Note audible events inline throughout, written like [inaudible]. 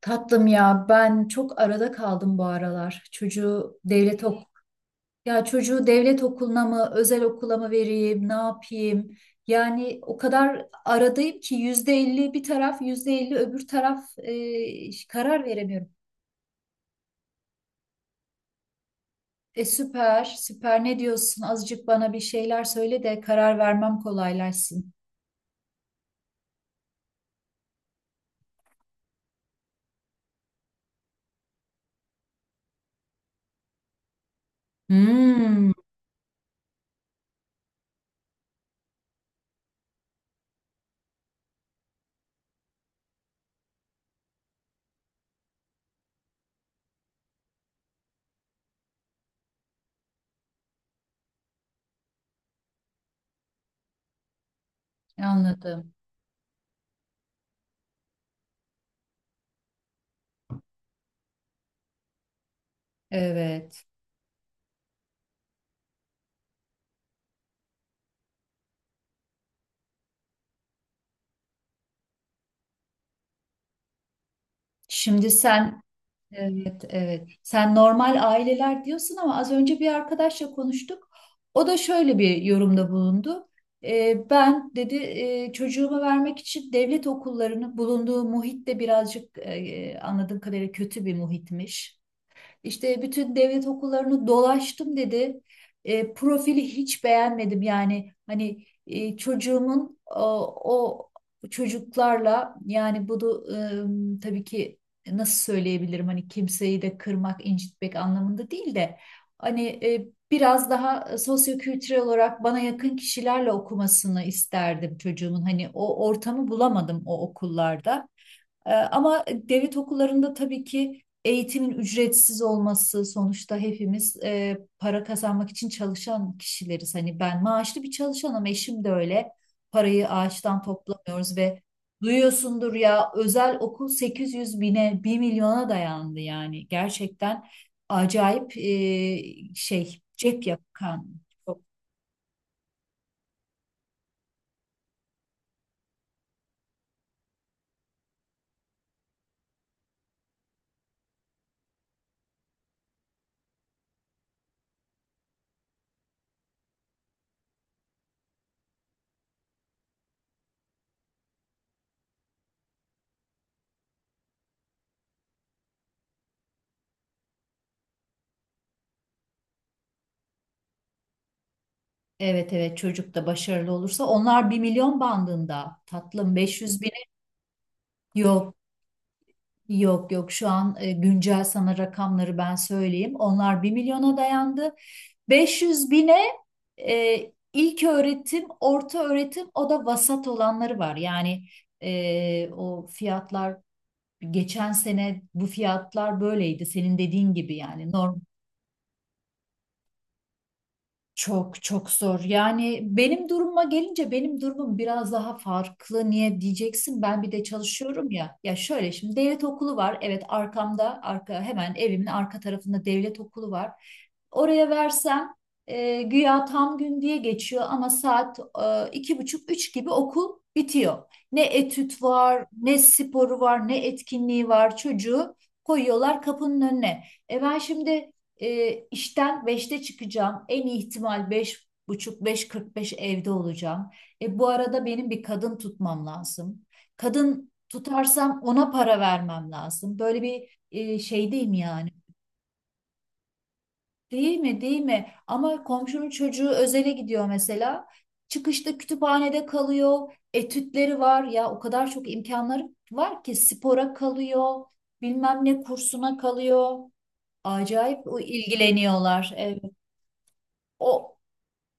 Tatlım ya ben çok arada kaldım bu aralar. Çocuğu devlet ok ya çocuğu devlet okuluna mı özel okula mı vereyim ne yapayım? Yani o kadar aradayım ki yüzde elli bir taraf yüzde elli öbür taraf karar veremiyorum. Süper süper ne diyorsun? Azıcık bana bir şeyler söyle de karar vermem kolaylaşsın. Hmm, anladım. Evet. Şimdi sen evet, evet. Sen normal aileler diyorsun ama az önce bir arkadaşla konuştuk. O da şöyle bir yorumda bulundu. Ben dedi çocuğumu vermek için devlet okullarının bulunduğu muhit de birazcık anladığım kadarıyla kötü bir muhitmiş. İşte bütün devlet okullarını dolaştım dedi. Profili hiç beğenmedim, yani hani çocuğumun o çocuklarla, yani bunu tabii ki nasıl söyleyebilirim, hani kimseyi de kırmak, incitmek anlamında değil de hani biraz daha sosyokültürel olarak bana yakın kişilerle okumasını isterdim çocuğumun. Hani o ortamı bulamadım o okullarda. Ama devlet okullarında tabii ki eğitimin ücretsiz olması, sonuçta hepimiz para kazanmak için çalışan kişileriz. Hani ben maaşlı bir çalışanım, eşim de öyle. Parayı ağaçtan toplamıyoruz ve duyuyorsundur ya, özel okul 800 bine, bir milyona dayandı yani. Gerçekten acayip cep yakan. çok- Evet, evet, çocuk da başarılı olursa onlar bir milyon bandında tatlım, 500 bine yok. Yok yok, şu an güncel sana rakamları ben söyleyeyim. Onlar bir milyona dayandı. 500 bine e, ilk öğretim, orta öğretim o da vasat olanları var. Yani o fiyatlar geçen sene bu fiyatlar böyleydi. Senin dediğin gibi, yani normal. Çok çok zor. Yani benim durumuma gelince benim durumum biraz daha farklı. Niye diyeceksin? Ben bir de çalışıyorum ya. Ya şöyle, şimdi devlet okulu var. Evet, arkamda, arka hemen evimin arka tarafında devlet okulu var. Oraya versem güya tam gün diye geçiyor ama saat iki buçuk üç gibi okul bitiyor. Ne etüt var, ne sporu var, ne etkinliği var. Çocuğu koyuyorlar kapının önüne. E ben şimdi işten 5'te çıkacağım. En iyi ihtimal 5 buçuk, beş kırk beş evde olacağım. E, bu arada benim bir kadın tutmam lazım. Kadın tutarsam ona para vermem lazım. Böyle bir şeydeyim yani. Değil mi? Değil mi? Ama komşunun çocuğu özele gidiyor mesela. Çıkışta kütüphanede kalıyor. Etütleri var ya, o kadar çok imkanları var ki spora kalıyor. Bilmem ne kursuna kalıyor. Acayip ilgileniyorlar. Evet. O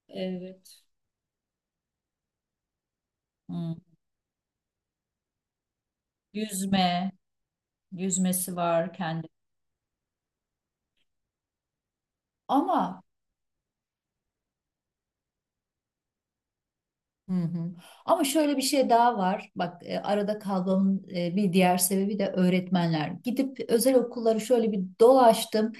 evet. Hmm. Yüzme, yüzmesi var kendi. Ama hı hı. Ama şöyle bir şey daha var. Bak arada kalmamın bir diğer sebebi de öğretmenler. Gidip özel okulları şöyle bir dolaştım.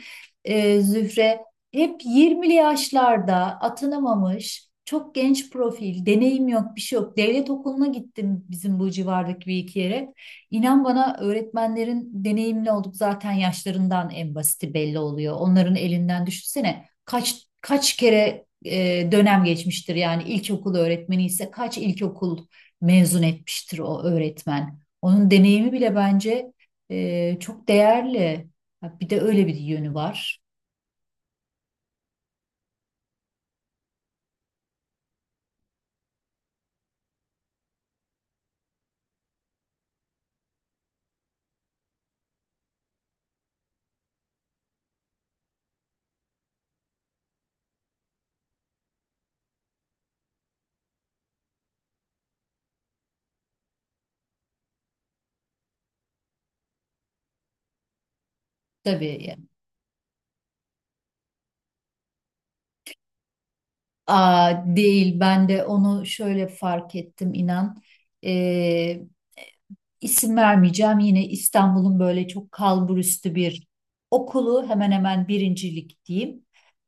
E, Zühre, hep 20'li yaşlarda atanamamış, çok genç profil, deneyim yok, bir şey yok. Devlet okuluna gittim bizim bu civardaki bir iki yere. İnan bana, öğretmenlerin deneyimli olduk zaten yaşlarından, en basiti belli oluyor. Onların elinden düşünsene kaç kere dönem geçmiştir. Yani ilkokul öğretmeni ise kaç ilkokul mezun etmiştir o öğretmen. Onun deneyimi bile bence çok değerli. Ha, bir de öyle bir yönü var. Tabii, aa, değil, ben de onu şöyle fark ettim inan. Ee, isim vermeyeceğim, yine İstanbul'un böyle çok kalburüstü bir okulu, hemen hemen birincilik diyeyim.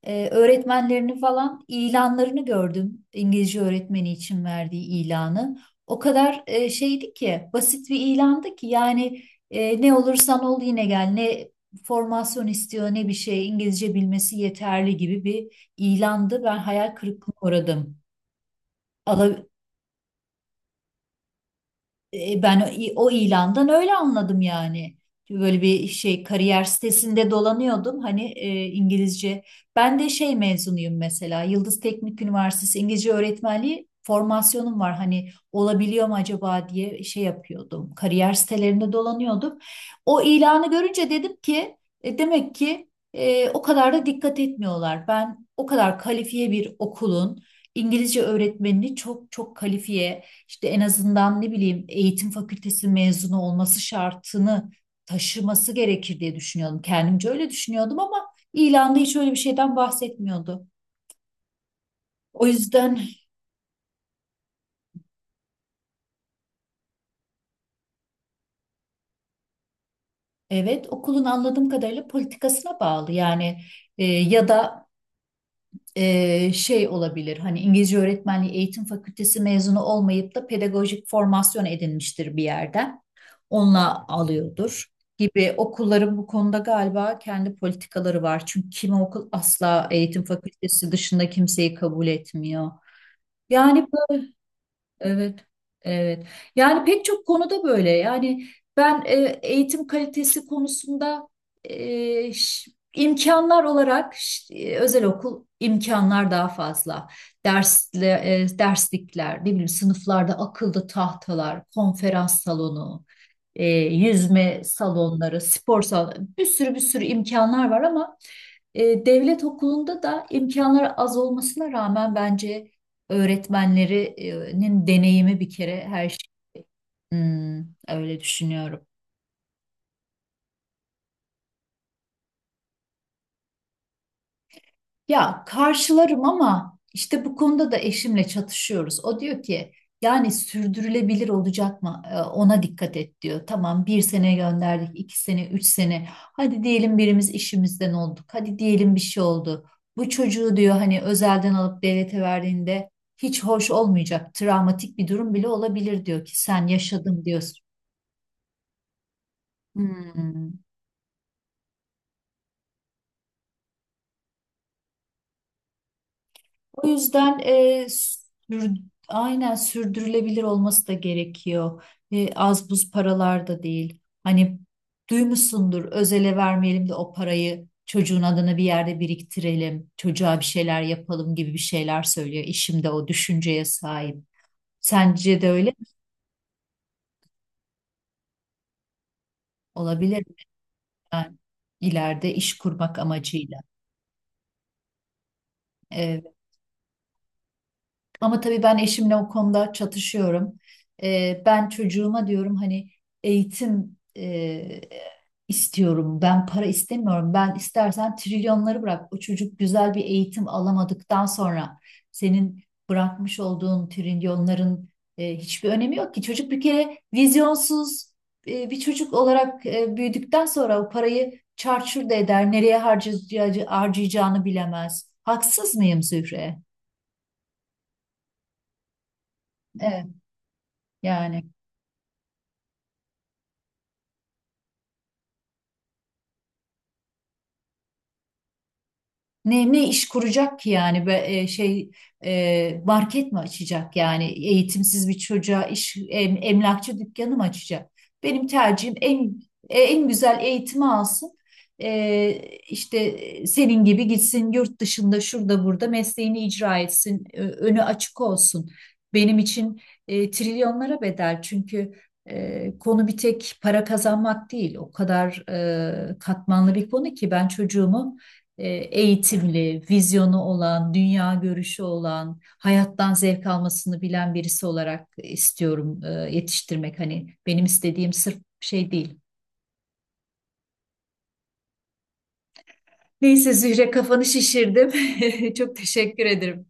Öğretmenlerini falan, ilanlarını gördüm. İngilizce öğretmeni için verdiği ilanı. O kadar şeydi ki, basit bir ilandı ki, yani ne olursan ol yine gel, ne formasyon istiyor, ne bir şey, İngilizce bilmesi yeterli gibi bir ilandı. Ben hayal kırıklığına uğradım. Ala- Ben o ilandan öyle anladım yani. Böyle bir şey, kariyer sitesinde dolanıyordum hani İngilizce. Ben de şey mezunuyum mesela, Yıldız Teknik Üniversitesi İngilizce öğretmenliği, formasyonum var. Hani olabiliyor mu acaba diye şey yapıyordum. Kariyer sitelerinde dolanıyordum. O ilanı görünce dedim ki demek ki o kadar da dikkat etmiyorlar. Ben o kadar kalifiye bir okulun İngilizce öğretmenini çok çok kalifiye, işte en azından ne bileyim eğitim fakültesi mezunu olması şartını taşıması gerekir diye düşünüyordum. Kendimce öyle düşünüyordum ama ilanda hiç öyle bir şeyden bahsetmiyordu. O yüzden evet, okulun anladığım kadarıyla politikasına bağlı yani. Ya da şey olabilir. Hani İngilizce öğretmenliği eğitim fakültesi mezunu olmayıp da pedagojik formasyon edinmiştir bir yerden. Onunla alıyordur gibi, okulların bu konuda galiba kendi politikaları var. Çünkü kimi okul asla eğitim fakültesi dışında kimseyi kabul etmiyor. Yani evet, evet. Yani pek çok konuda böyle. Yani ben e, eğitim kalitesi konusunda e, ş- imkanlar olarak özel okul imkanlar daha fazla. Dersle, derslikler, ne bileyim sınıflarda akıllı tahtalar, konferans salonu, yüzme salonları, spor salonu, bir sürü imkanlar var ama devlet okulunda da imkanlar az olmasına rağmen, bence öğretmenlerinin deneyimi bir kere her şey. Hmm, öyle düşünüyorum. Ya karşılarım ama işte bu konuda da eşimle çatışıyoruz. O diyor ki yani sürdürülebilir olacak mı? Ona dikkat et diyor. Tamam, bir sene gönderdik, iki sene, üç sene. Hadi diyelim birimiz işimizden olduk. Hadi diyelim bir şey oldu. Bu çocuğu diyor, hani özelden alıp devlete verdiğinde hiç hoş olmayacak. Travmatik bir durum bile olabilir diyor ki sen yaşadın diyorsun. Hmm. O yüzden sür- aynen, sürdürülebilir olması da gerekiyor. E, az buz paralar da değil. Hani duymuşsundur, özele vermeyelim de o parayı çocuğun adına bir yerde biriktirelim. Çocuğa bir şeyler yapalım gibi bir şeyler söylüyor. İşimde o düşünceye sahip. Sence de öyle mi? Olabilir mi? Yani ileride iş kurmak amacıyla. E, ama tabii ben eşimle o konuda çatışıyorum. Ben çocuğuma diyorum hani eğitim istiyorum. Ben para istemiyorum. Ben istersen trilyonları bırak. O çocuk güzel bir eğitim alamadıktan sonra senin bırakmış olduğun trilyonların hiçbir önemi yok ki. Çocuk bir kere vizyonsuz bir çocuk olarak büyüdükten sonra o parayı çarçur da eder. Nereye harcayacağını bilemez. Haksız mıyım Zühre? Evet. Yani. Ne iş kuracak ki yani be, e, şey e, market mi açacak, yani eğitimsiz bir çocuğa iş emlakçı dükkanı mı açacak? Benim tercihim en güzel eğitimi alsın. E, işte senin gibi gitsin, yurt dışında şurada burada mesleğini icra etsin, önü açık olsun. Benim için trilyonlara bedel, çünkü konu bir tek para kazanmak değil, o kadar katmanlı bir konu ki, ben çocuğumu eğitimli, vizyonu olan, dünya görüşü olan, hayattan zevk almasını bilen birisi olarak istiyorum yetiştirmek. Hani benim istediğim sırf şey değil. Neyse Zühre, kafanı şişirdim. [laughs] Çok teşekkür ederim.